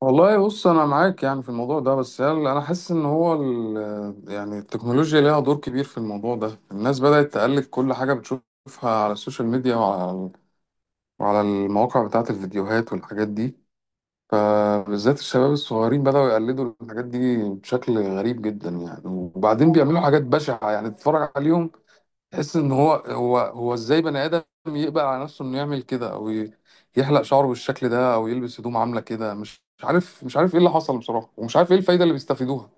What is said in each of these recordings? والله بص انا معاك يعني في الموضوع ده. بس انا حاسس ان هو يعني التكنولوجيا ليها دور كبير في الموضوع ده. الناس بدأت تقلد كل حاجة بتشوفها على السوشيال ميديا وعلى المواقع بتاعة الفيديوهات والحاجات دي. فبالذات الشباب الصغيرين بدأوا يقلدوا الحاجات دي بشكل غريب جدا يعني، وبعدين بيعملوا حاجات بشعة يعني تتفرج عليهم تحس ان هو ازاي بني ادم يقبل على نفسه انه يعمل كده، او يحلق شعره بالشكل ده، او يلبس هدوم عامله كده. مش عارف ايه اللي حصل بصراحه، ومش عارف ايه الفايده اللي بيستفيدوها.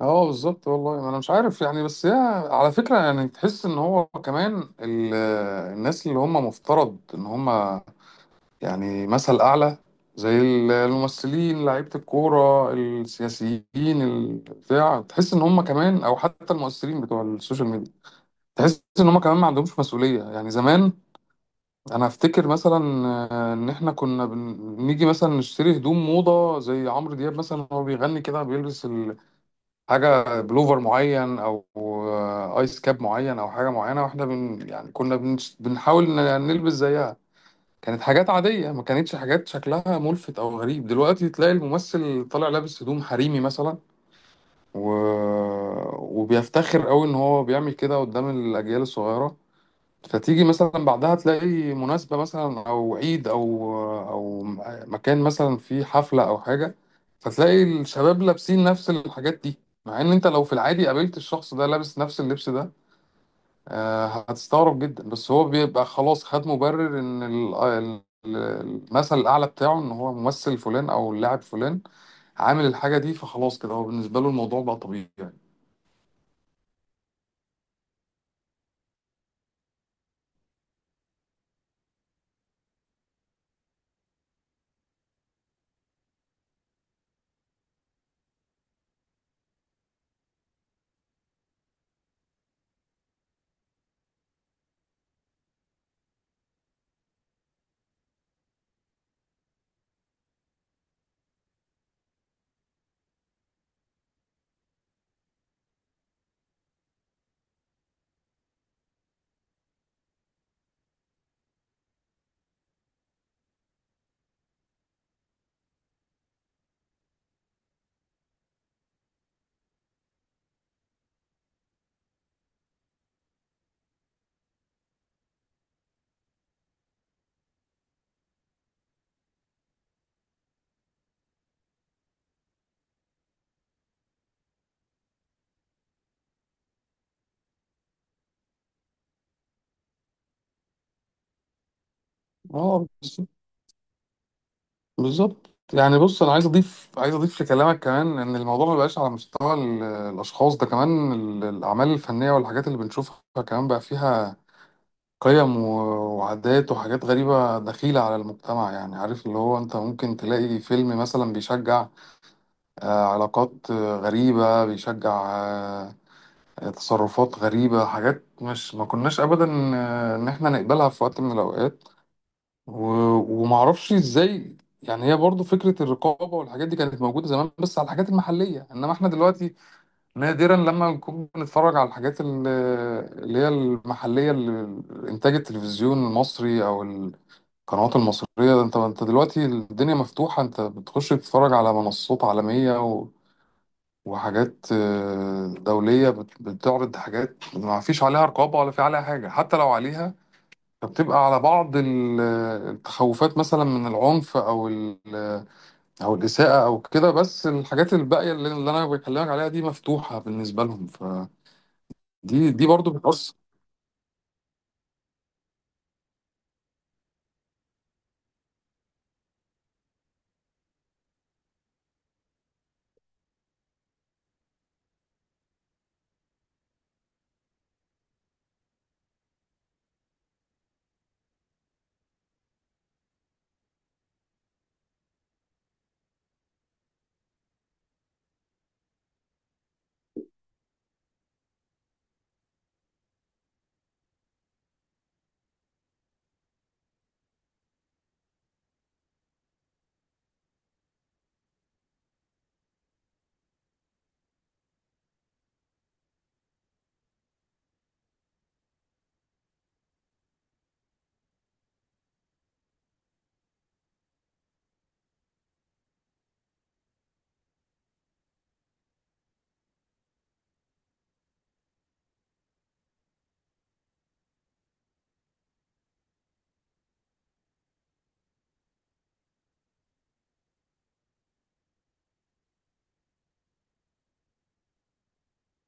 اه بالظبط والله، انا مش عارف يعني، بس هي على فكره يعني، تحس ان هو كمان الناس اللي هم مفترض ان هم يعني مثل اعلى، زي الممثلين لعيبه الكوره السياسيين البتاع، تحس ان هم كمان او حتى المؤثرين بتوع السوشيال ميديا، تحس ان هم كمان ما عندهمش مسؤوليه. يعني زمان انا افتكر مثلا ان احنا كنا بنيجي مثلا نشتري هدوم موضه زي عمرو دياب مثلا، هو بيغني كده بيلبس حاجه بلوفر معين، او ايس كاب معين، او حاجه معينه، واحنا يعني كنا بنحاول نلبس زيها. كانت حاجات عاديه ما كانتش حاجات شكلها ملفت او غريب. دلوقتي تلاقي الممثل طالع لابس هدوم حريمي مثلا، و... وبيفتخر قوي ان هو بيعمل كده قدام الاجيال الصغيره. فتيجي مثلا بعدها تلاقي مناسبة مثلا أو عيد، أو مكان مثلا فيه حفلة أو حاجة، فتلاقي الشباب لابسين نفس الحاجات دي. مع إن أنت لو في العادي قابلت الشخص ده لابس نفس اللبس ده، هتستغرب جدا. بس هو بيبقى خلاص خد مبرر إن المثل الأعلى بتاعه إن هو ممثل فلان أو اللاعب فلان عامل الحاجة دي، فخلاص كده هو بالنسبة له الموضوع بقى طبيعي يعني. اه بالظبط يعني. بص انا عايز اضيف لكلامك كمان ان الموضوع ما بقاش على مستوى الاشخاص، ده كمان الاعمال الفنيه والحاجات اللي بنشوفها كمان بقى فيها قيم وعادات وحاجات غريبه دخيله على المجتمع. يعني عارف اللي هو انت ممكن تلاقي فيلم مثلا بيشجع علاقات غريبه، بيشجع تصرفات غريبه، حاجات مش ما كناش ابدا ان احنا نقبلها في وقت من الاوقات. ومعرفش ازاي يعني. هي برضو فكرة الرقابة والحاجات دي كانت موجودة زمان بس على الحاجات المحلية، انما احنا دلوقتي نادرا لما نكون بنتفرج على الحاجات اللي هي المحلية، انتاج التلفزيون المصري او القنوات المصرية. ده انت دلوقتي الدنيا مفتوحة، انت بتخش تتفرج على منصات عالمية وحاجات دولية بتعرض حاجات ما فيش عليها رقابة ولا في عليها حاجة، حتى لو عليها فبتبقى على بعض التخوفات مثلا من العنف او او الاساءه او كده. بس الحاجات الباقيه اللي انا بكلمك عليها دي مفتوحه بالنسبه لهم. فدي برضو بتأثر.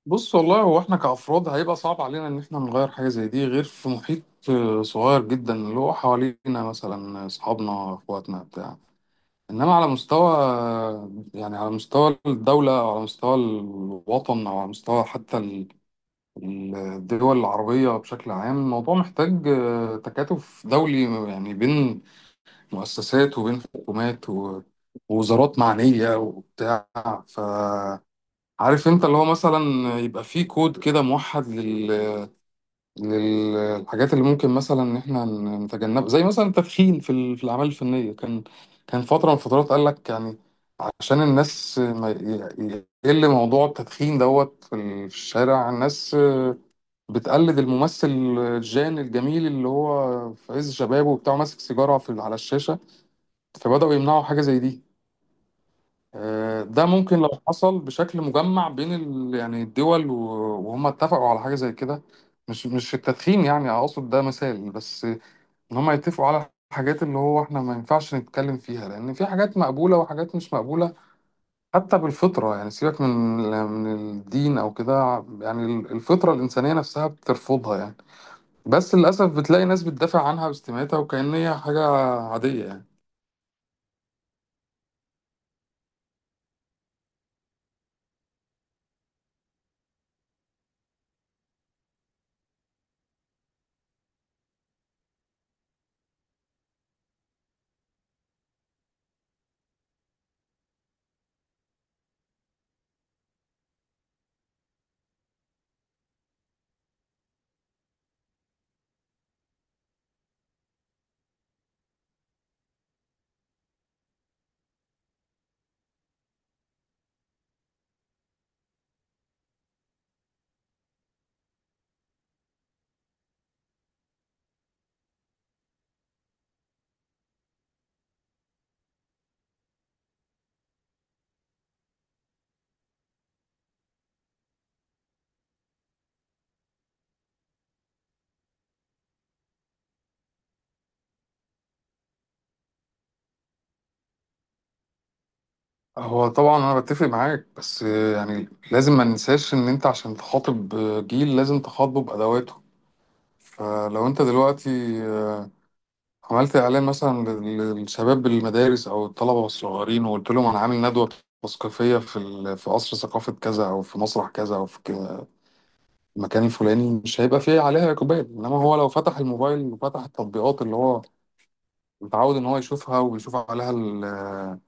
بص والله هو احنا كافراد هيبقى صعب علينا ان احنا نغير حاجه زي دي، غير في محيط صغير جدا اللي هو حوالينا، مثلا اصحابنا اخواتنا بتاع. انما على مستوى يعني على مستوى الدوله او على مستوى الوطن او على مستوى حتى الدول العربية بشكل عام، الموضوع محتاج تكاتف دولي. يعني بين مؤسسات وبين حكومات ووزارات معنية وبتاع. فعارف انت اللي هو مثلا يبقى فيه كود كده موحد للحاجات اللي ممكن مثلا ان احنا نتجنبها، زي مثلا التدخين في في الأعمال الفنية. كان فترة من الفترات قال لك يعني، عشان الناس ما يقل موضوع التدخين دوت في في الشارع، الناس بتقلد الممثل جان الجميل اللي هو في عز شبابه وبتاع ماسك سيجارة في على الشاشة، فبدأوا يمنعوا حاجة زي دي. ده ممكن لو حصل بشكل مجمع بين يعني الدول، وهم اتفقوا على حاجة زي كده. مش التدخين يعني، أقصد ده مثال بس، إن هم يتفقوا على الحاجات اللي هو احنا ما ينفعش نتكلم فيها، لأن في حاجات مقبولة وحاجات مش مقبولة حتى بالفطرة. يعني سيبك من من الدين أو كده، يعني الفطرة الإنسانية نفسها بترفضها يعني. بس للأسف بتلاقي ناس بتدافع عنها باستماتة وكأن هي حاجة عادية يعني. هو طبعا أنا بتفق معاك، بس يعني لازم ما ننساش إن أنت عشان تخاطب جيل لازم تخاطبه بأدواته. فلو أنت دلوقتي آه، عملت إعلان مثلا للشباب بالمدارس أو الطلبة الصغيرين، وقلت لهم أنا عامل ندوة تثقيفية في في قصر ثقافة كذا أو في مسرح كذا أو في كده، المكان الفلاني، مش هيبقى فيه عليها إقبال. إنما هو لو فتح الموبايل وفتح التطبيقات اللي هو متعود ان هو يشوفها، ويشوف عليها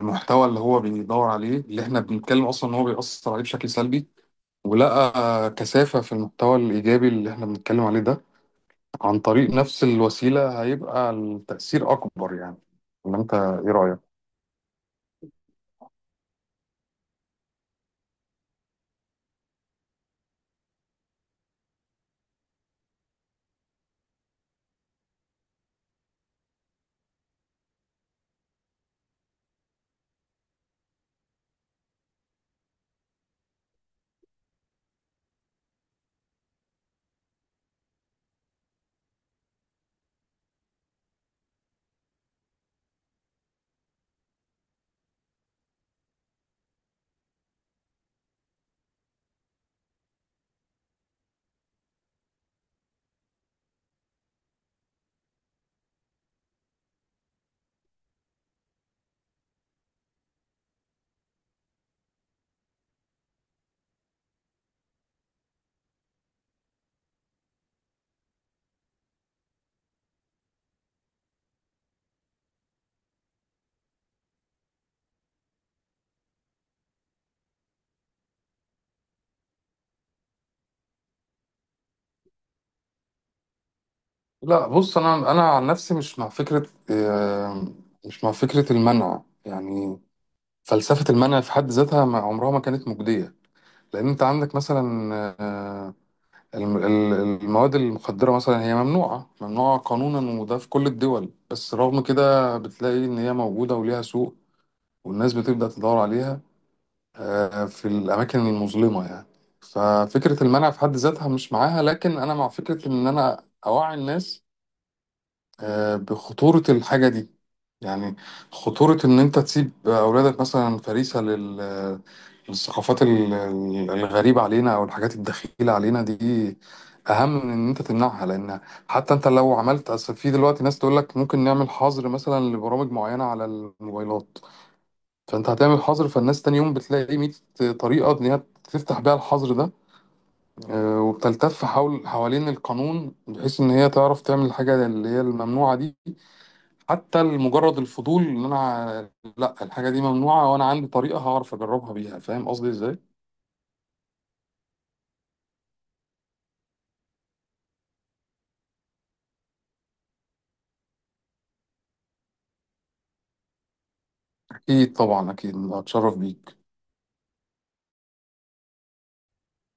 المحتوى اللي هو بيدور عليه، اللي احنا بنتكلم اصلا ان هو بيأثر عليه بشكل سلبي، ولقى كثافة في المحتوى الإيجابي اللي احنا بنتكلم عليه ده عن طريق نفس الوسيلة، هيبقى التأثير أكبر يعني. ولا أنت إيه رأيك؟ لا بص، أنا عن نفسي مش مع فكرة المنع يعني. فلسفة المنع في حد ذاتها عمرها ما كانت مجدية، لأن أنت عندك مثلا المواد المخدرة مثلا هي ممنوعة، قانونا، وده في كل الدول. بس رغم كده بتلاقي إن هي موجودة وليها سوق، والناس بتبدأ تدور عليها في الأماكن المظلمة يعني. ففكرة المنع في حد ذاتها مش معاها، لكن أنا مع فكرة إن أنا أوعي الناس بخطورة الحاجة دي. يعني خطورة إن أنت تسيب أولادك مثلا فريسة للثقافات الغريبة علينا أو الحاجات الدخيلة علينا دي، أهم من إن أنت تمنعها. لأن حتى أنت لو عملت، أصل في دلوقتي ناس تقول لك ممكن نعمل حظر مثلا لبرامج معينة على الموبايلات. فأنت هتعمل حظر فالناس تاني يوم بتلاقي 100 طريقة إن هي تفتح بيها الحظر ده، وبتلتف حوالين القانون بحيث إن هي تعرف تعمل الحاجة اللي هي الممنوعة دي. حتى مجرد الفضول، ان انا لا، الحاجه دي ممنوعه وانا عندي طريقه هعرف اجربها بيها، فاهم قصدي ازاي؟ اكيد طبعا، اكيد، اتشرف بيك.